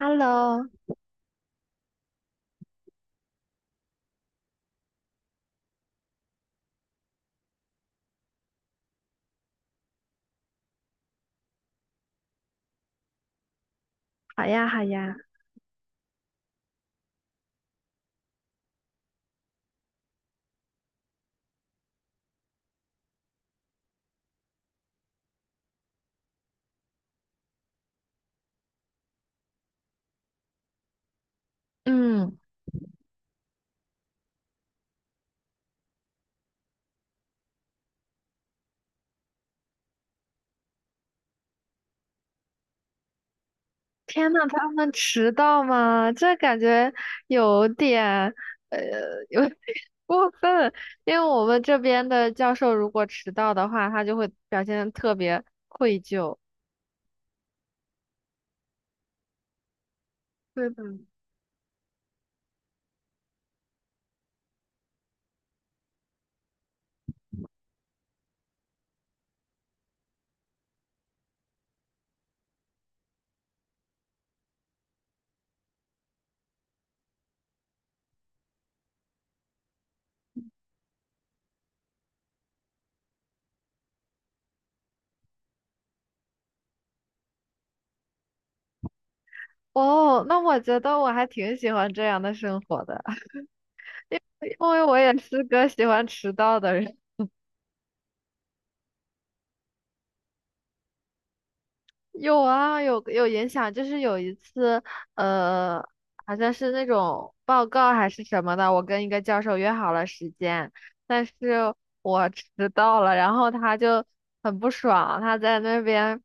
Hello，好呀，好呀。嗯，天呐，他们迟到吗？这感觉有点，呃，有点 过分。因为我们这边的教授如果迟到的话，他就会表现得特别愧疚。对的。哦，那我觉得我还挺喜欢这样的生活的，因为我也是个喜欢迟到的人。有啊，有影响，就是有一次，呃，好像是那种报告还是什么的，我跟一个教授约好了时间，但是我迟到了，然后他就很不爽，他在那边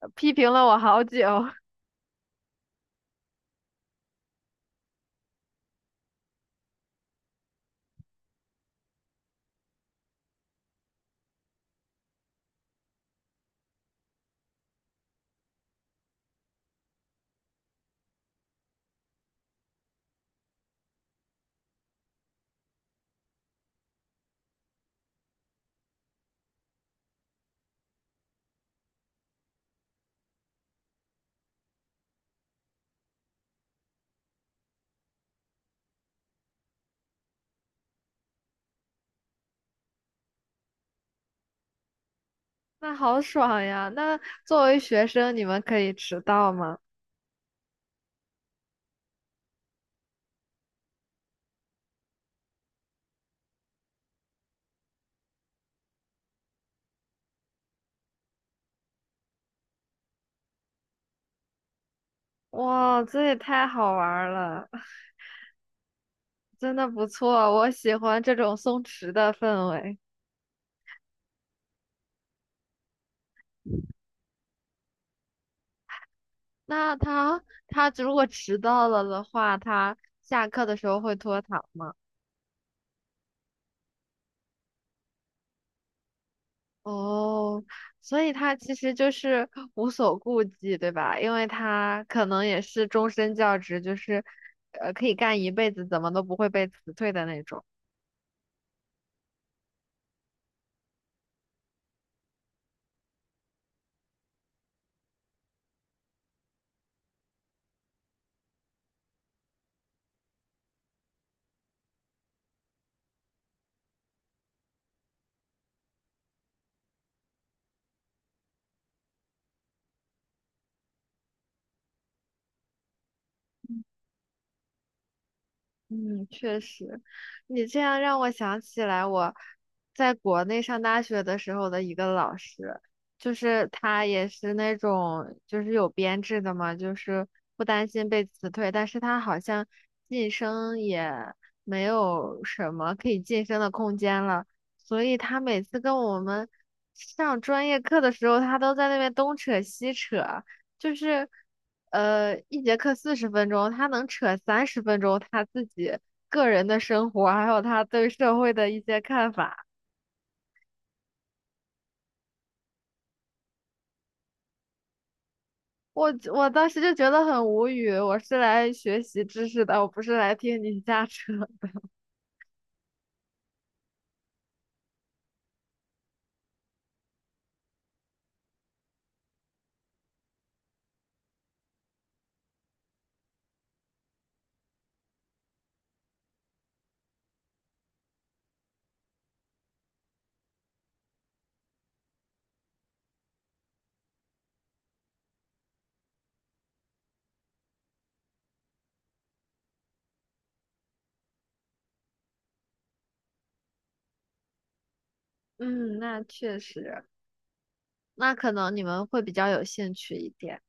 批评了我好久，那好爽呀！那作为学生，你们可以迟到吗？哇，这也太好玩儿了，真的不错，我喜欢这种松弛的氛围。那他如果迟到了的话，他下课的时候会拖堂吗？哦，所以他其实就是无所顾忌，对吧？因为他可能也是终身教职，就是可以干一辈子，怎么都不会被辞退的那种。嗯，确实，你这样让我想起来我在国内上大学的时候的一个老师，就是他也是那种就是有编制的嘛，就是不担心被辞退，但是他好像晋升也没有什么可以晋升的空间了，所以他每次跟我们上专业课的时候，他都在那边东扯西扯。就是一节课40分钟，他能扯30分钟他自己个人的生活，还有他对社会的一些看法。我当时就觉得很无语，我是来学习知识的，我不是来听你瞎扯。嗯，那确实，那可能你们会比较有兴趣一点。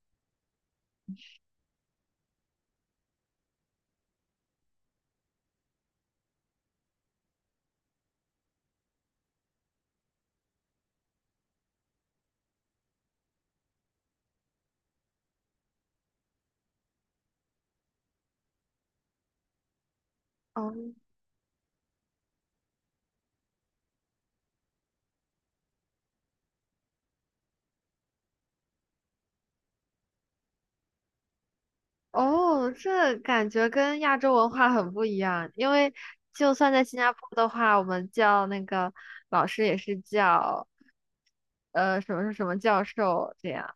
哦哦，这感觉跟亚洲文化很不一样，因为就算在新加坡的话，我们叫那个老师也是叫什么是什么教授这样。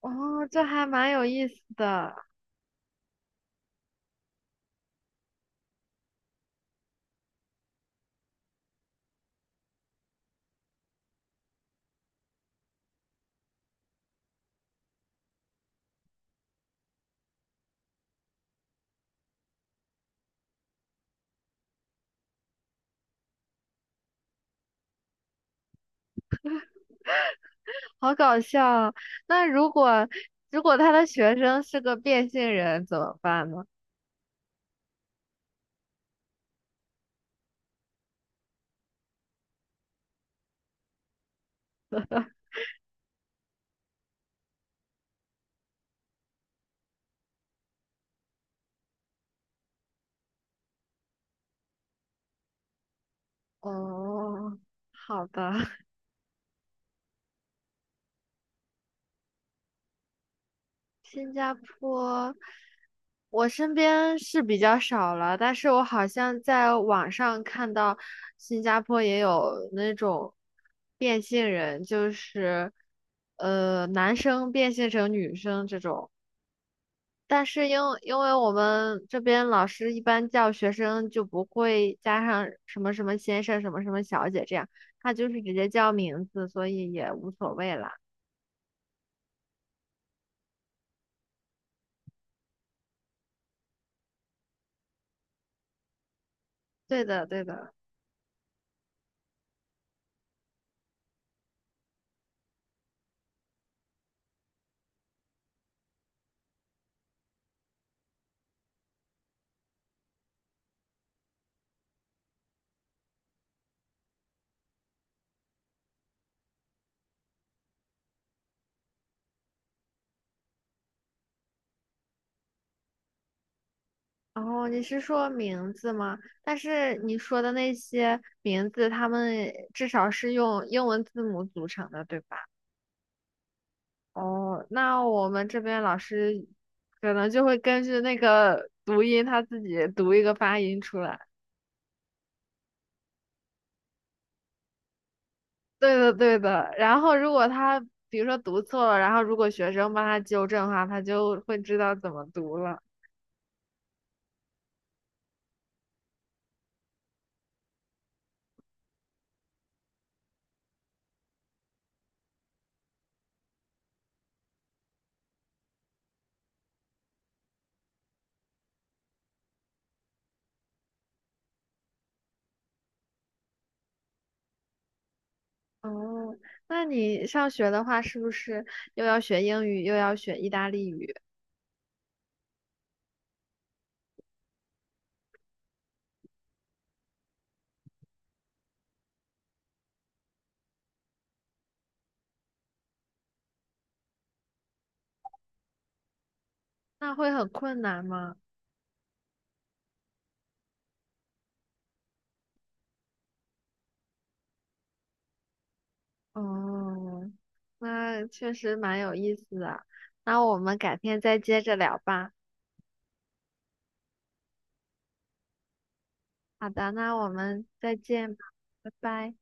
哦，这还蛮有意思的，好搞笑啊。那如果他的学生是个变性人怎么办呢？哦，好的，新加坡。我身边是比较少了，但是我好像在网上看到新加坡也有那种变性人，就是男生变性成女生这种。但是因为我们这边老师一般叫学生就不会加上什么什么先生、什么什么小姐这样，他就是直接叫名字，所以也无所谓啦。对的，对的。然后你是说名字吗？但是你说的那些名字，他们至少是用英文字母组成的，对吧？哦，那我们这边老师可能就会根据那个读音，他自己读一个发音出来。对的，对的。然后，如果他比如说读错了，然后如果学生帮他纠正的话，他就会知道怎么读了。哦，那你上学的话，是不是又要学英语，又要学意大利语？那会很困难吗？哦，那确实蛮有意思的。那我们改天再接着聊吧。好的，那我们再见吧，拜拜。